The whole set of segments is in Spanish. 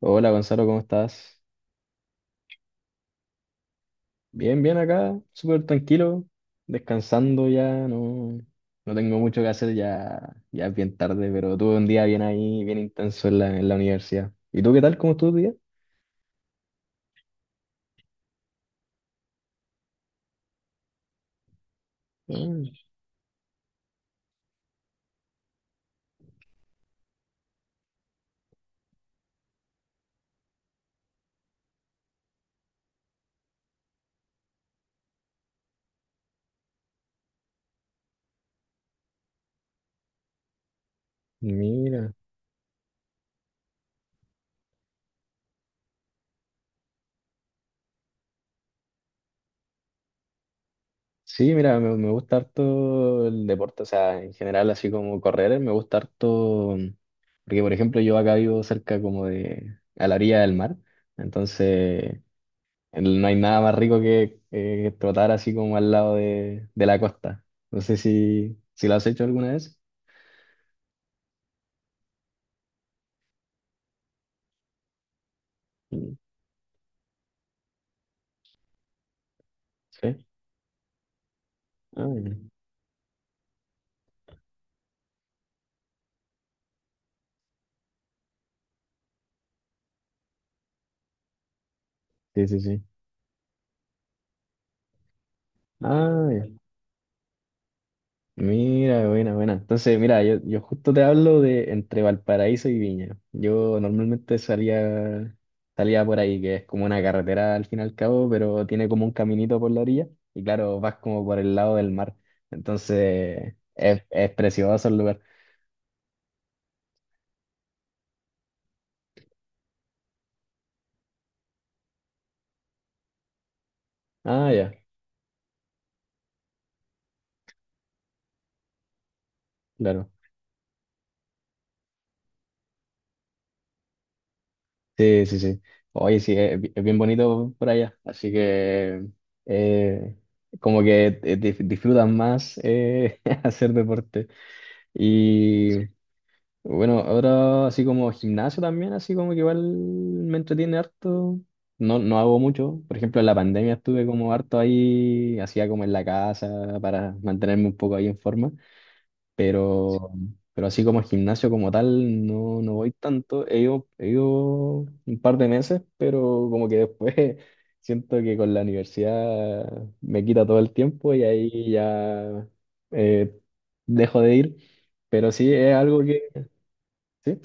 Hola Gonzalo, ¿cómo estás? Bien, bien acá, súper tranquilo, descansando, ya no, no tengo mucho que hacer, ya, ya es bien tarde, pero tuve un día bien ahí, bien intenso en la universidad. ¿Y tú qué tal? ¿Cómo estuvo tu día? Mm, mira, sí, mira, me gusta harto el deporte, o sea, en general así como correr, me gusta harto, porque por ejemplo yo acá vivo cerca como de, a la orilla del mar, entonces... No hay nada más rico que trotar así como al lado de la costa. No sé si, si lo has hecho alguna vez. Mm. Sí. Ah, ya. Sí, sí, sí. Ah, ya. Mira, buena, buena. Entonces, mira, yo justo te hablo de entre Valparaíso y Viña. Yo normalmente salía, salía por ahí, que es como una carretera al fin y al cabo, pero tiene como un caminito por la orilla. Y claro, vas como por el lado del mar. Entonces, es precioso el lugar. Ah, ya, claro. Sí, sí, sí. Oye, sí, es, bi- es bien bonito por allá. Así que eh, como que dif- disfrutan más hacer deporte. Y sí, bueno, ahora así como gimnasio también, así como que igual me entretiene harto. No, no hago mucho. Por ejemplo, en la pandemia estuve como harto ahí, hacía como en la casa para mantenerme un poco ahí en forma, pero, pero así como gimnasio como tal, no, no voy tanto. He ido un par de meses, pero como que después siento que con la universidad me quita todo el tiempo y ahí ya eh, dejo de ir. Pero sí, es algo que... Sí.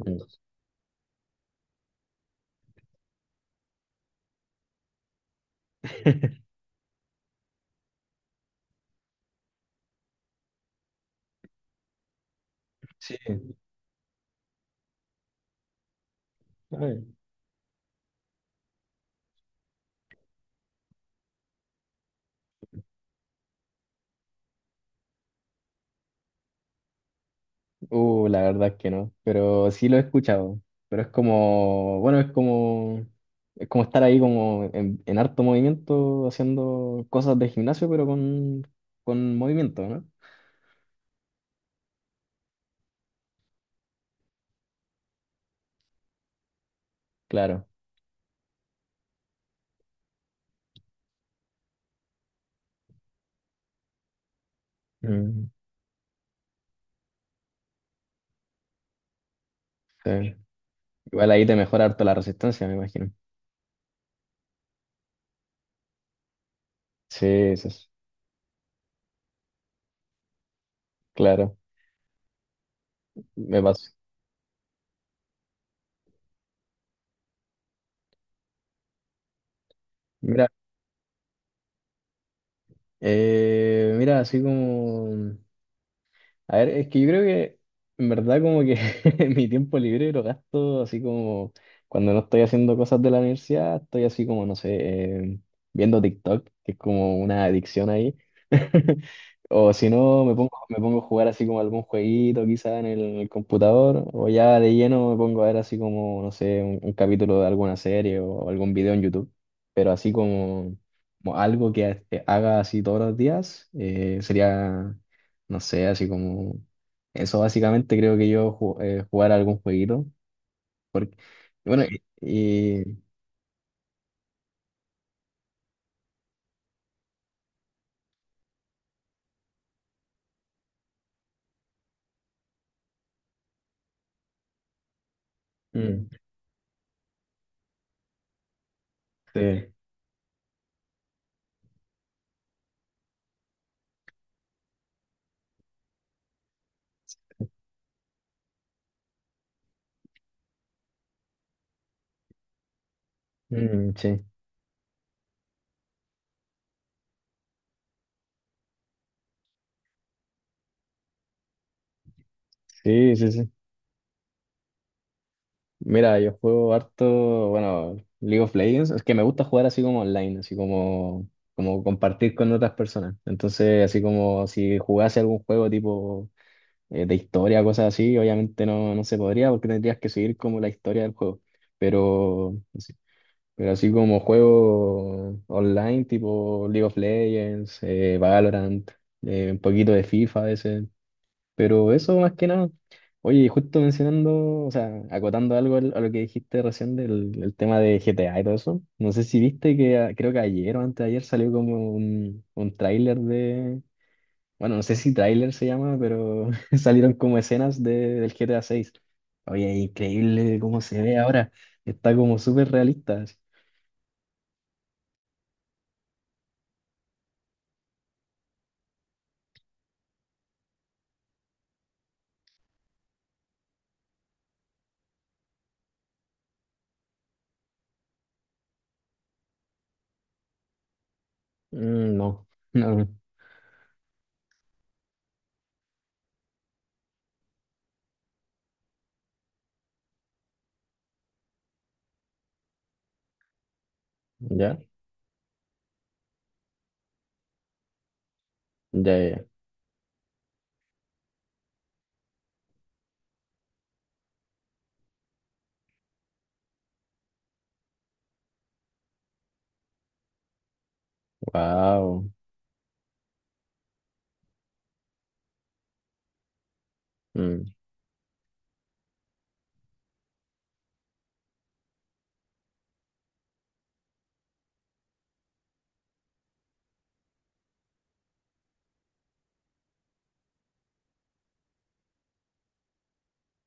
Mm. Sí. La verdad es que no, pero sí lo he escuchado. Pero es como, bueno, es como estar ahí como en harto movimiento haciendo cosas de gimnasio, pero con movimiento, ¿no? Claro. Mm, sí. Igual ahí te mejora harto la resistencia, me imagino. Sí, sí, sí, claro. Me pasó. Mira, mira, así como a ver, es que yo creo que en verdad como que mi tiempo libre lo gasto así como cuando no estoy haciendo cosas de la universidad, estoy así como, no sé, eh, viendo TikTok, que es como una adicción ahí. O si no, me pongo a jugar así como algún jueguito quizá en el computador, o ya de lleno me pongo a ver así como, no sé, un capítulo de alguna serie o algún video en YouTube, pero así como, como algo que este, haga así todos los días, sería no sé, así como... Eso básicamente creo que yo ju- jugar algún jueguito. Porque, bueno, y- mm, sí, mm, sí, sí, sí, sí. Mira, yo juego harto, bueno, League of Legends. Es que me gusta jugar así como online, así como, como compartir con otras personas. Entonces, así como si jugase algún juego tipo de historia, cosas así, obviamente no, no se podría porque tendrías que seguir como la historia del juego. Pero... Pero así como juego online, tipo League of Legends, Valorant, un poquito de FIFA a veces. Pero eso más que nada. Oye, y justo mencionando, o sea, acotando algo al- a lo que dijiste recién del el tema de GTA y todo eso. No sé si viste que a- creo que ayer o antes de ayer salió como un tráiler de. Bueno, no sé si tráiler se llama, pero salieron como escenas de, del GTA 6. Oye, increíble cómo se ve ahora. Está como súper realista. Mm. No, no, ya, ya, ya, wow, mm,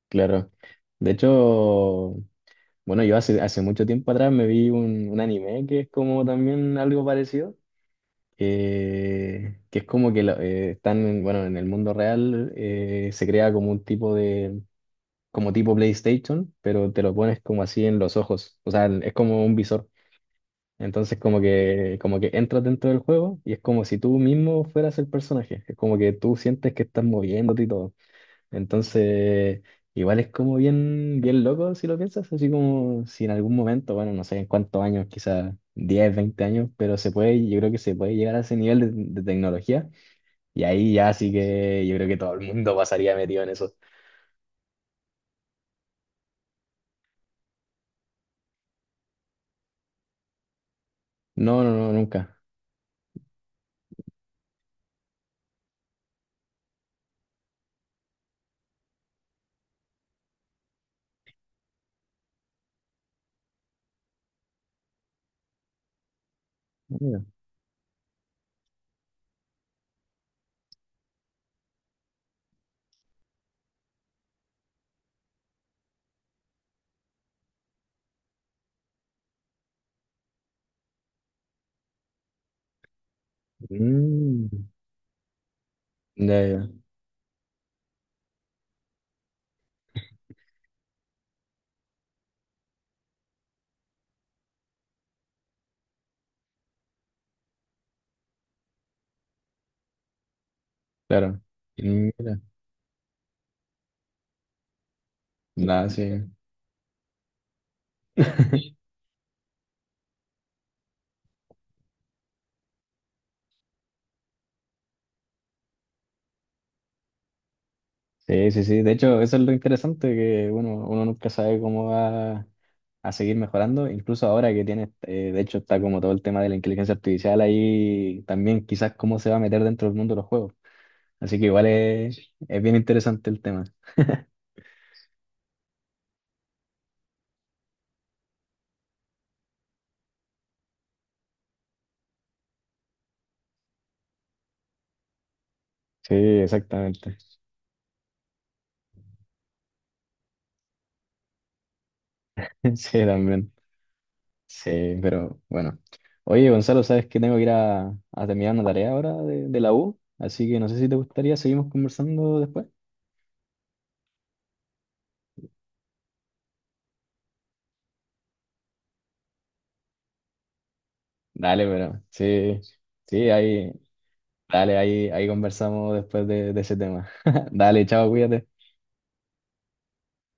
claro. De hecho, bueno, yo hace, hace mucho tiempo atrás me vi un anime que es como también algo parecido, que es como que lo- están, en- bueno, en el mundo real se crea como un tipo de, como tipo PlayStation, pero te lo pones como así en los ojos, o sea, es como un visor. Entonces como que entras dentro del juego y es como si tú mismo fueras el personaje, es como que tú sientes que estás moviéndote y todo. Entonces, igual es como bien, bien loco si lo piensas, así como si en algún momento, bueno, no sé en cuántos años, quizás 10, 20 años, pero se puede, yo creo que se puede llegar a ese nivel de tecnología y ahí ya sí que yo creo que todo el mundo pasaría metido en eso. No, no, no, nunca. Mira. Mm, ya, ya, claro. Mira. Nada, sí. Sí, sí, sí. De hecho, eso es lo interesante, que bueno, uno nunca sabe cómo va a seguir mejorando. Incluso ahora que tiene, de hecho, está como todo el tema de la inteligencia artificial ahí, también quizás cómo se va a meter dentro del mundo de los juegos. Así que igual es bien interesante el tema. Sí, exactamente. Sí, también. Sí, pero bueno. Oye, Gonzalo, sabes que tengo que ir a terminar una tarea ahora de la U, así que no sé si te gustaría, seguimos conversando después. Dale, pero sí, sí, ahí, dale, ahí, ahí conversamos después de ese tema. Dale, chao, cuídate.